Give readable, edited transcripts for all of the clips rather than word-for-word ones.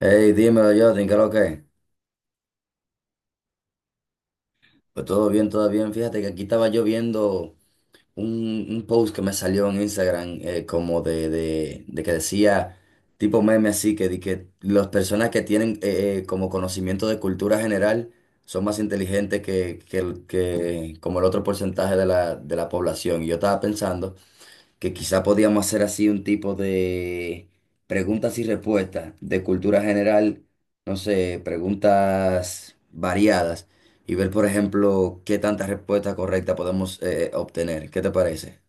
Hey, dímelo, Justin, ¿qué es lo que? Pues todo bien, todo bien. Fíjate que aquí estaba yo viendo un post que me salió en Instagram como de que decía, tipo meme así, que, di que las personas que tienen como conocimiento de cultura general son más inteligentes que como el otro porcentaje de la población. Y yo estaba pensando que quizá podíamos hacer así un tipo de preguntas y respuestas de cultura general, no sé, preguntas variadas y ver, por ejemplo, qué tantas respuestas correctas podemos obtener. ¿Qué te parece?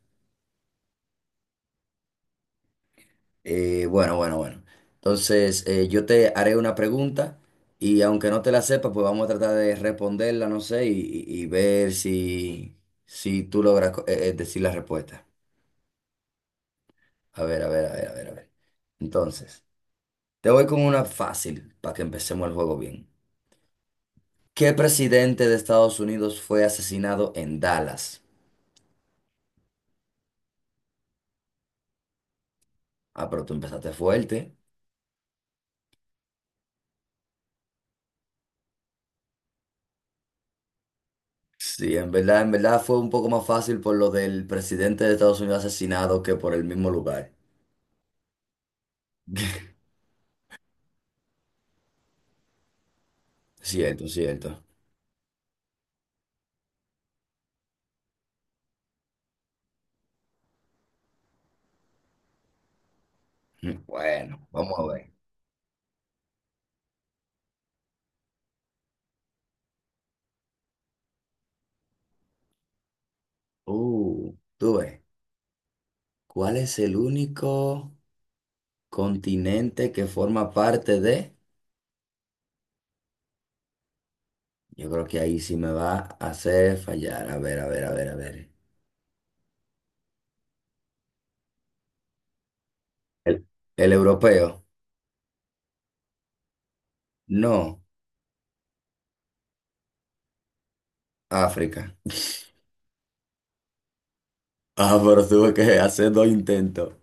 Bueno, bueno, bueno. Entonces, yo te haré una pregunta y aunque no te la sepa, pues vamos a tratar de responderla, no sé, y, y ver si, si tú logras decir la respuesta. A ver, a ver, a ver, a ver, a ver. Entonces. Te voy con una fácil para que empecemos el juego bien. ¿Qué presidente de Estados Unidos fue asesinado en Dallas? Ah, pero tú empezaste fuerte. Sí, en verdad fue un poco más fácil por lo del presidente de Estados Unidos asesinado que por el mismo lugar. Cierto, cierto. Bueno, vamos a ver. Tú ves. ¿Cuál es el único continente que forma parte de? Yo creo que ahí sí me va a hacer fallar. A ver, a ver, a ver, a ver. El, el europeo. No, África. Ah, pero tuve que hacer dos intentos.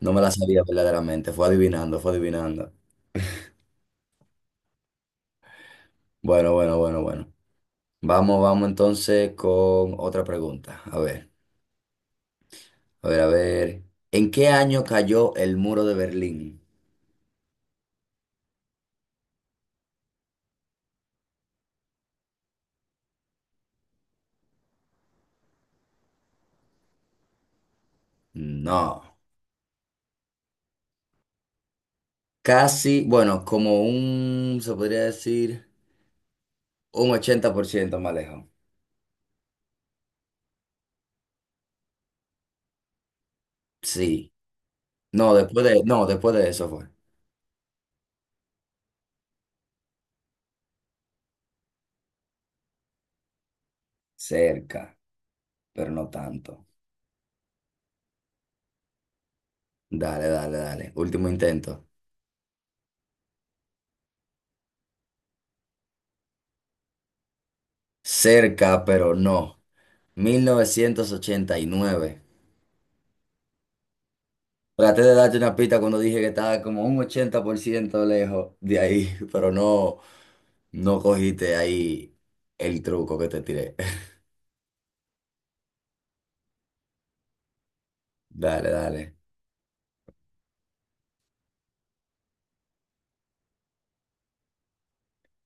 No me la sabía verdaderamente. Fue adivinando, fue adivinando. Bueno, bueno, bueno, bueno. Vamos, vamos entonces con otra pregunta. A ver, a ver, a ver. ¿En qué año cayó el muro de Berlín? No. Casi, bueno, como un, se podría decir, un 80% más lejos. Sí. No, después de, no, después de eso fue. Cerca, pero no tanto. Dale, dale, dale. Último intento. Cerca, pero no. 1989. Traté de darte una pista cuando dije que estaba como un 80% lejos de ahí, pero no, no cogiste ahí el truco que te tiré. Dale, dale.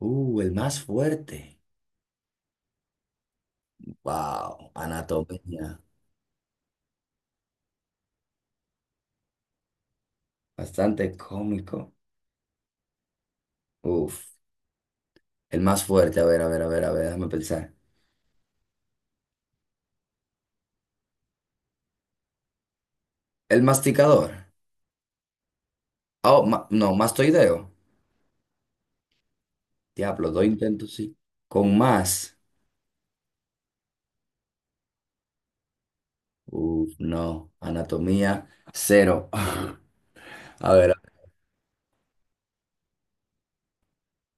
El más fuerte. Wow, anatomía. Bastante cómico. Uf, el más fuerte. A ver, a ver, a ver, a ver, déjame pensar. El masticador. Oh, no, mastoideo. Diablo, dos intentos, sí. Con más. Uf, no, anatomía cero. A ver,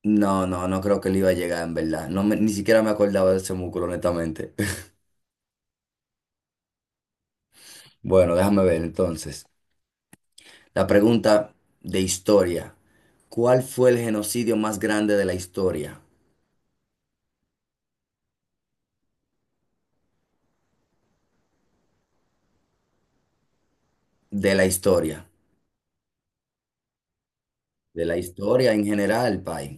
no, no, no creo que le iba a llegar en verdad. Ni siquiera me acordaba de ese músculo, honestamente. Bueno, déjame ver entonces. La pregunta de historia. ¿Cuál fue el genocidio más grande de la historia? De la historia. De la historia en general, Pai.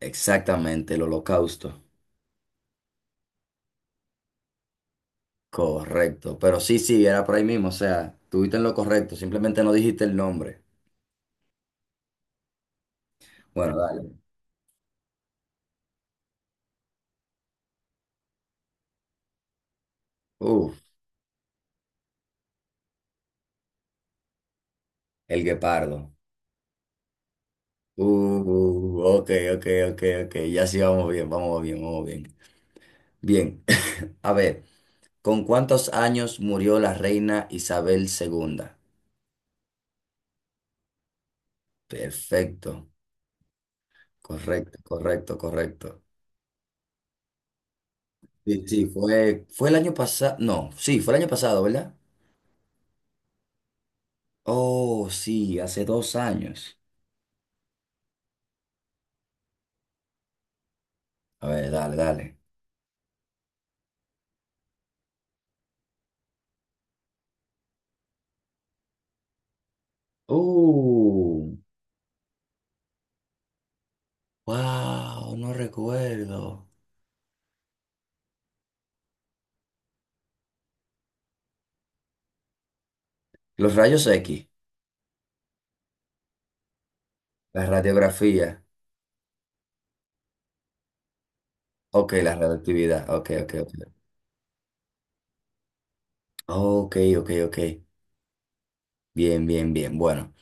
Exactamente, el holocausto. Correcto. Pero sí, sí, era por ahí mismo. O sea, tuviste en lo correcto. Simplemente no dijiste el nombre. Bueno, dale. Uf, el guepardo. Ok, ok, ok, ok. Ya sí vamos bien, vamos bien, vamos bien. Bien. A ver, ¿Con cuántos años murió la reina Isabel II? Perfecto. Correcto, correcto, correcto. Sí, sí, fue el año pasado. No, sí, fue el año pasado, ¿verdad? Oh, sí, hace 2 años. A ver, dale, dale. Uh, wow, no recuerdo. Los rayos X, la radiografía. Ok, la radioactividad. Ok, ok, ok. Ok, ok, ok. Bien, bien, bien. Bueno,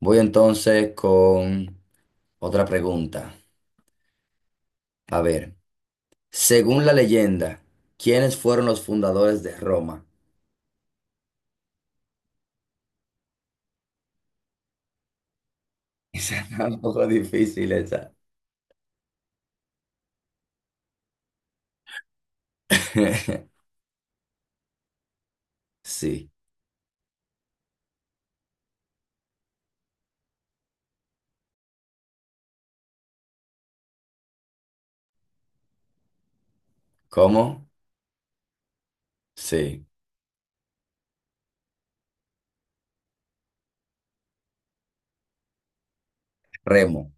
voy entonces con otra pregunta. A ver, según la leyenda, ¿quiénes fueron los fundadores de Roma? Esa está un poco difícil esa. Sí. ¿Cómo? Sí. Remo.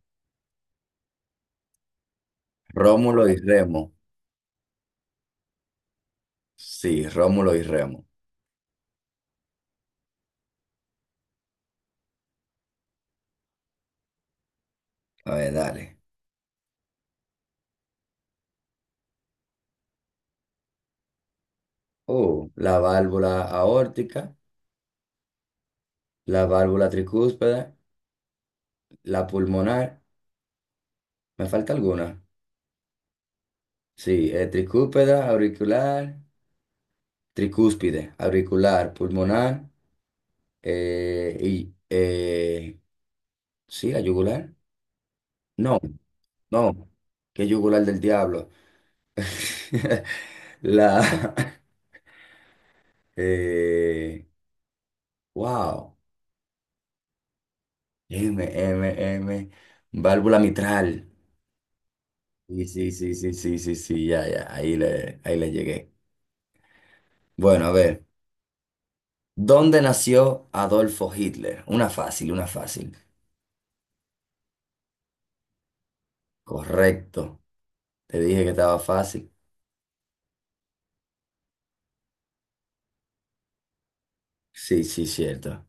Rómulo y Remo. Sí, Rómulo y Remo. A ver, dale. Oh, la válvula aórtica, la válvula tricúspide, la pulmonar. ¿Me falta alguna? Sí, tricúpeda, auricular, tricúspide, auricular, pulmonar, y sí, la yugular. No, no, qué yugular del diablo. La, eh, wow, M, M, M, válvula mitral. Sí, sí, sí, sí, sí, sí, sí, ya, ya, ahí le llegué. Bueno, a ver, ¿dónde nació Adolfo Hitler? Una fácil, una fácil. Correcto. Te dije que estaba fácil. Sí, sí, cierto.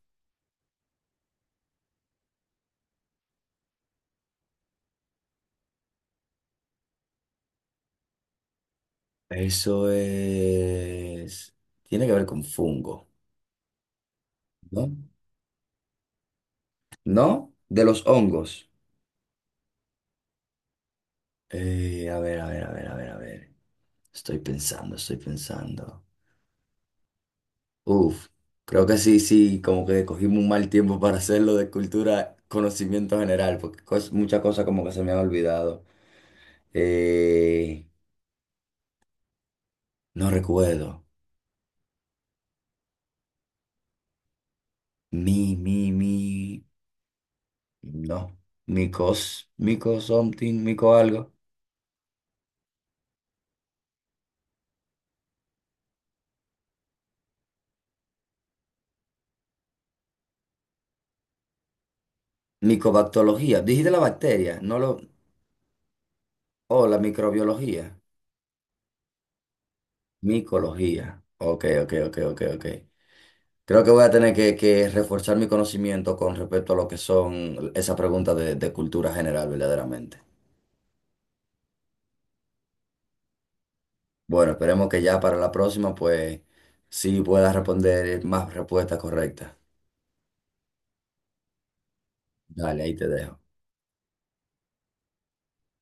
Eso es. Tiene que ver con fungo, ¿no? ¿No? De los hongos. A ver, a ver, a ver, a ver, a ver. Estoy pensando, estoy pensando. Uf, creo que sí, sí, como que cogimos un mal tiempo para hacerlo de cultura, conocimiento general, porque muchas cosas como que se me han olvidado. Eh, no recuerdo. Mi, mi, mi. No. Micos, mico something, mico algo. Micobactología. Dijiste la bacteria, no lo. Oh, la microbiología. Micología. Ok, ok, ok, ok, ok. Creo que voy a tener que reforzar mi conocimiento con respecto a lo que son esas preguntas de cultura general, verdaderamente. Bueno, esperemos que ya para la próxima, pues, sí puedas responder más respuestas correctas. Dale, ahí te dejo.